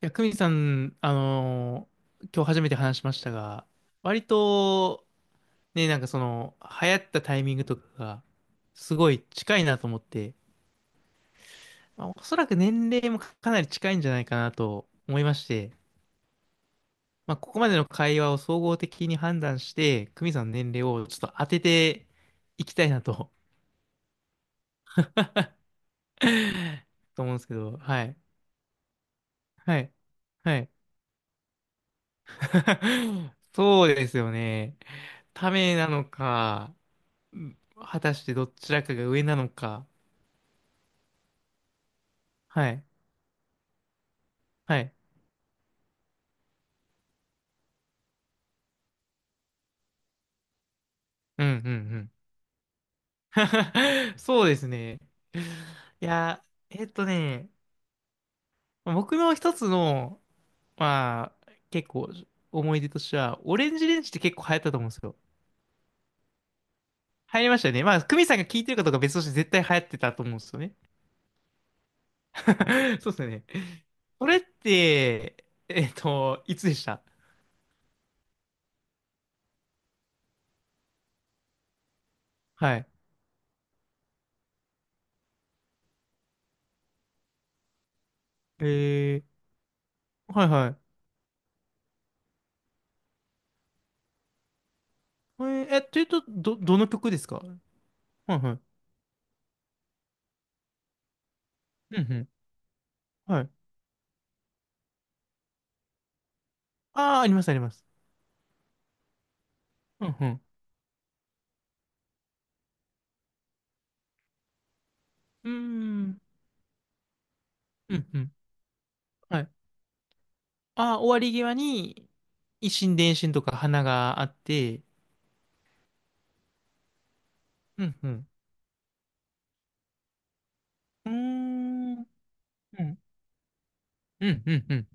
久美さん、今日初めて話しましたが、割と、ね、流行ったタイミングとかが、すごい近いなと思って、まあ、おそらく年齢もかなり近いんじゃないかなと思いまして、まあ、ここまでの会話を総合的に判断して、久美さんの年齢をちょっと当てていきたいなと、と思うんですけど、はい。はい。はい。そうですよね。ためなのか、果たしてどちらかが上なのか。はい。はい。うんうんうん。そうですね。いや、えっとね、僕の一つの、まあ、結構思い出としては、オレンジレンジって結構流行ったと思うんですよ。流行りましたよね。まあ、クミさんが聞いてるかどうか別として絶対流行ってたと思うんですよね。そうですよね。それって、いつでしたはい。えー、はいはい。というと、の曲ですかはいはい。うんうん。はい。ああ、あります、あります。うんうん。うーん。うんうん。はい。ああ、終わり際に、一心伝心とか花があって、うんうん。うーん。うん。うん。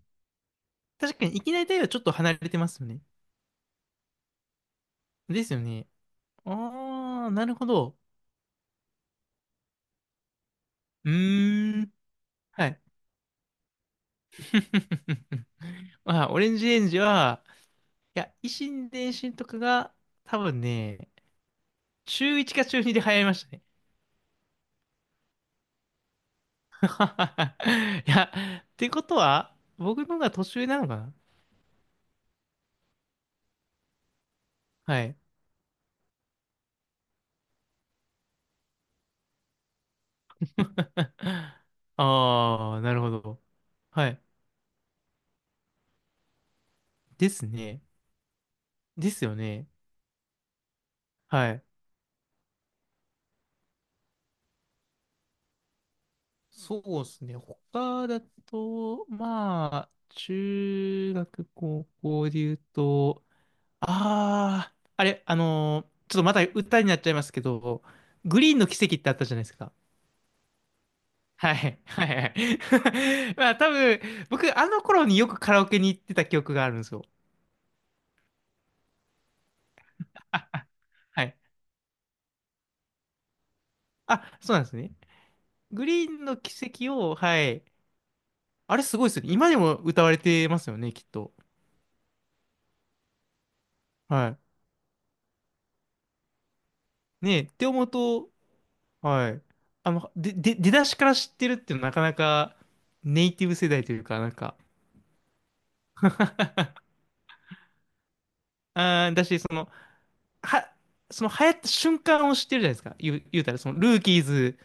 確かに、いきなり太陽はちょっと離れてますよね。ですよね。ああ、なるほど。うーん。はい。まあ、オレンジレンジは、いや、維新伝心とかが、多分ね、中1か中2で流行りましたね。いや、ってことは、僕の方が年上なのかなはい。ああ、なるほど。はい。ですね。ですよね。はい。そうですね。他だと、まあ、中学、高校で言うと、ああ、あれ、ちょっとまた歌になっちゃいますけど、グリーンの奇跡ってあったじゃないですか。はい、はい、はい。まあ、多分、僕、あの頃によくカラオケに行ってた記憶があるんですよ。あ、はい。あ、そうなんですね。グリーンの奇跡を、はい。あれすごいですよね。今でも歌われてますよね、きっと。はい。ねえ、って思うと、はい。あの、出だしから知ってるっていうのはなかなかネイティブ世代というか、なんか、あー、だし、その、は、その流行った瞬間を知ってるじゃないですか。言うたら、その、ルーキーズ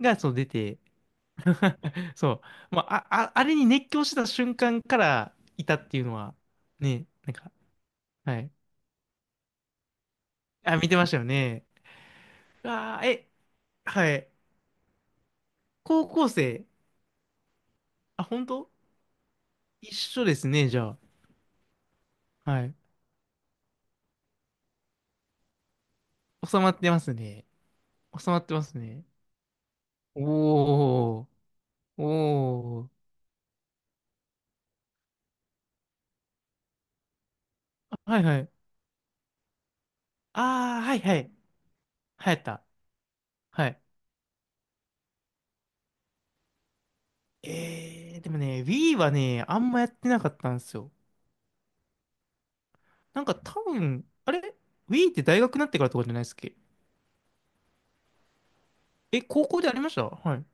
が、その出て、そう。まあ、あれに熱狂した瞬間からいたっていうのは、ね、なんか、はい。あ、見てましたよね。あー、え、はい。高校生。あ、本当一緒ですね、じゃあ。はい。収まってますね。収まってますね。おー、おー。あはいはい。あー、はいはい。流行った。はい。えー、でもね、Wii はね、あんまやってなかったんですよ。なんか多分、あれ ?Wii って大学になってからとかじゃないっすっけえ、高校でありましたはい。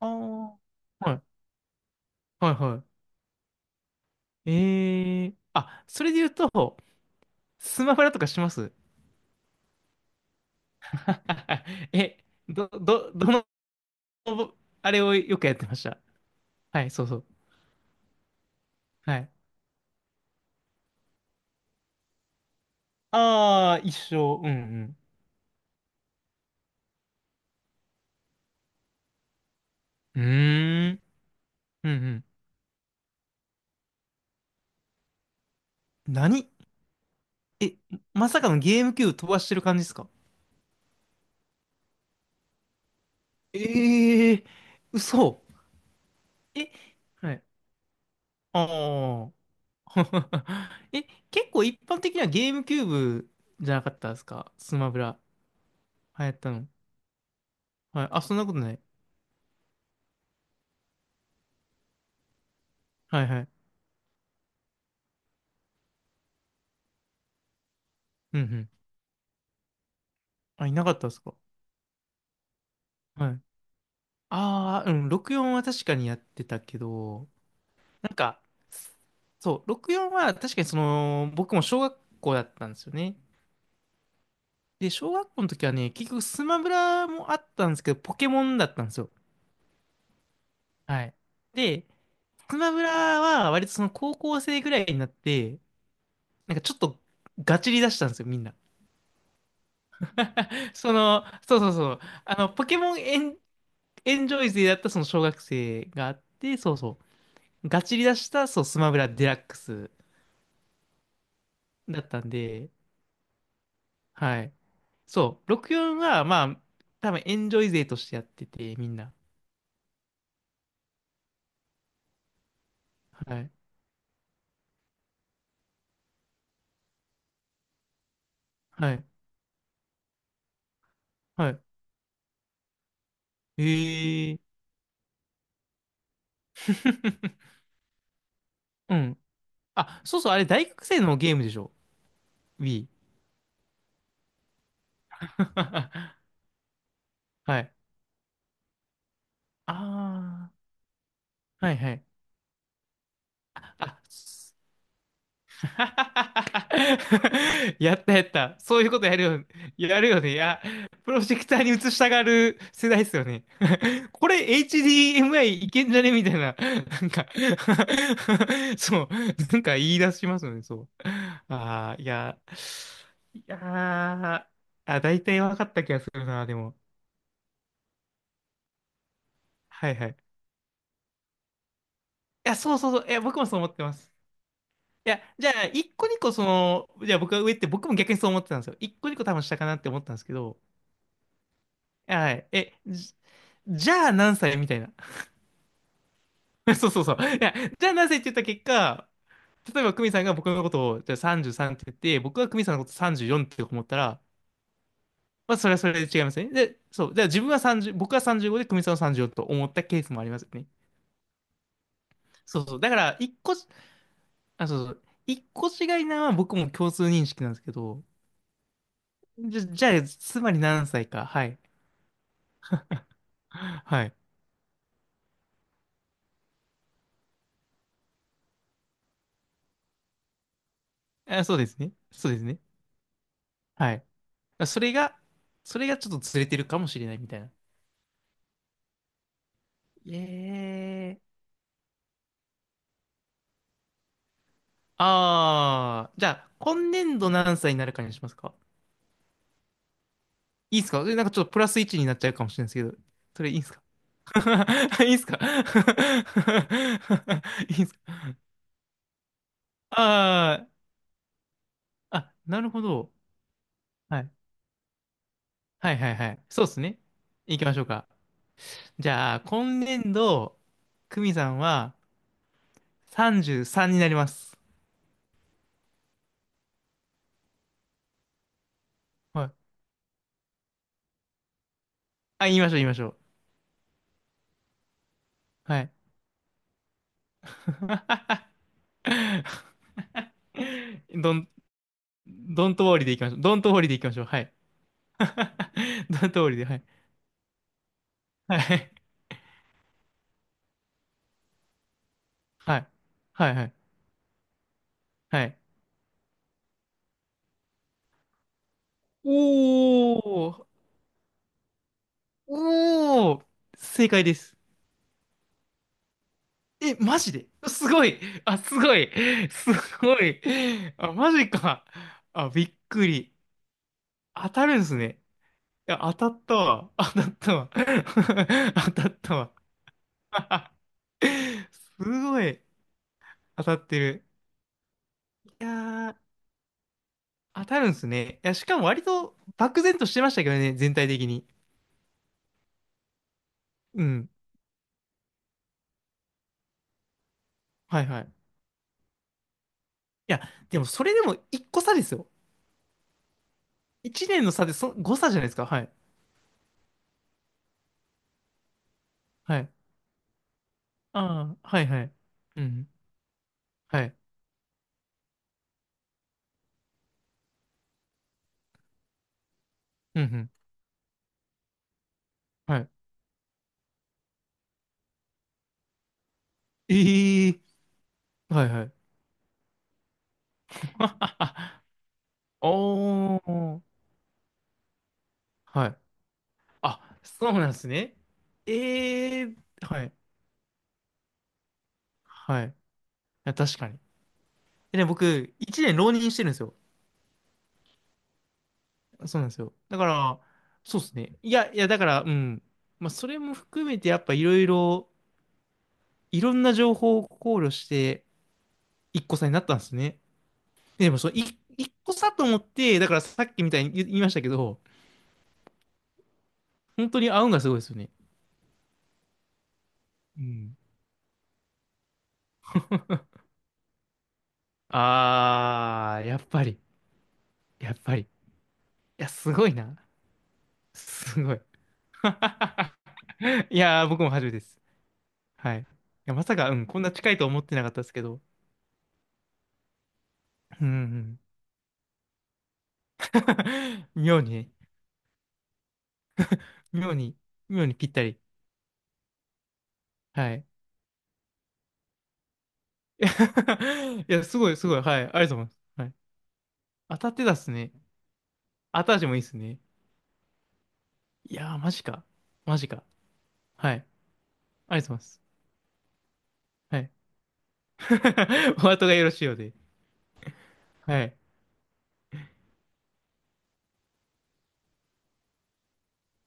ああ。はい。はいはい。えー。あ、それで言うと、スマブラとかします え、どの、あれをよくやってました。はい、そうそう。はい。ああ、一緒。うんうん。うーん。うんうん。何え、まさかのゲームキューブ飛ばしてる感じですかええー、嘘。え、はい。ああ。え、結構一般的にはゲームキューブじゃなかったですかスマブラ。流行ったの。はい。あ、そんなことない。はいはい。うんうん。あ、いなかったですかはい。ああ、うん、64は確かにやってたけど、なんか、そう、64は確かにその、僕も小学校だったんですよね。で、小学校の時はね、結局スマブラもあったんですけど、ポケモンだったんですよ。はい。で、スマブラは割とその高校生ぐらいになって、なんかちょっとガチリ出したんですよ、みんな。その、そう。あの、ポケモンエン、エンジョイ勢だったその小学生があって、そうそう。ガチリ出した、そう、スマブラデラックスだったんで、はい。そう、64は、まあ、多分エンジョイ勢としてやってて、みんな。はい。はい。はい。へえ。うん。あ、そうそう、あれ大学生のゲームでしょ ?Wii。はい。ああ。はいはい。あ、やったやった。そういうことやるよ、やるよね。いや、プロジェクターに映したがる世代ですよね。これ HDMI いけんじゃねみたいな。なんか そう。なんか言い出しますよね、そう。ああ、いや、いやー、あ、大体分かった気がするな、でも。はいはい。いや、そう。いや、僕もそう思ってます。いや、じゃあ、一個二個その、じゃあ僕が上って僕も逆にそう思ってたんですよ。一個二個多分下かなって思ったんですけど、はい。え、じ、じゃあ何歳みたいな。そう。いや、じゃあ何歳って言った結果、例えば久美さんが僕のことをじゃあ33って言って、僕が久美さんのこと34って思ったら、まあそれはそれで違いますね。で、そう。じゃあ自分は30、僕は35で久美さんは34と思ったケースもありますよね。そうそう。だから、一個し、あ、そうそう。一個違いなのは僕も共通認識なんですけど、じゃあ、つまり何歳か。はい。はい。あ、そうですね。そうですね。はい。それが、それがちょっとずれてるかもしれないみたいな。ええああ、じゃあ、今年度何歳になるかにしますかいいですかえなんかちょっとプラス1になっちゃうかもしれないですけど、それいいですか いいですか いいですかああー、あ、なるほど。はい。はいはいはい。そうですね。行きましょうか。じゃあ、今年度、久美さんは33になります。はい。あ、言いましょう言いましょう。はい。どん、どんとおりでいきましょう。どんとおりでいきましょう。はい。どんとおりで、はい。はい。はい。はい。はい。はいおー。おー。正解です。え、マジですごい。あ、すごい。すごい。あ、マジか。あ、びっくり。当たるんすね。いや、当たったわ。当たったわ。当たったわ。すごい。当たってる。いやー。当たるんですね。いや、しかも割と漠然としてましたけどね、全体的に。うん。はいはい。いや、でもそれでも一個差ですよ。1年の差でそ、誤差じゃないですか。はい。はい。ああ、はいはい。うん。はい。うんうん。はい。ええはいはい。おー。はい。あ、そうなんですね。ええはい。はい。いや、確かに。でね、僕、1年浪人してるんですよ。そうなんですよ。だから、そうですね。いや、いや、だから、うん。まあ、それも含めて、やっぱいろいろ、いろんな情報を考慮して、一個差になったんですね。でも、そう、一個差と思って、だからさっきみたいに言いましたけど、本当に合うんがすごいですよね。うん。あー、やっぱり、やっぱり。いや、すごいな。すごい。いやー、僕も初めてです。はい。いや、まさか、うん、こんな近いと思ってなかったですけど。うん、うん。妙にね。妙に、妙にぴったり。はい。いや、すごい、すごい。はい。ありがとうございます。はい。当たってたっすね。後味もいいっすね。いやー、マジか。マジか。はい。ありがとうございます。はい。お後がよろしいようで。はい。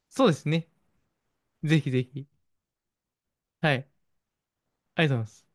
そうですね。ぜひぜひ。はい。ありがとうございます。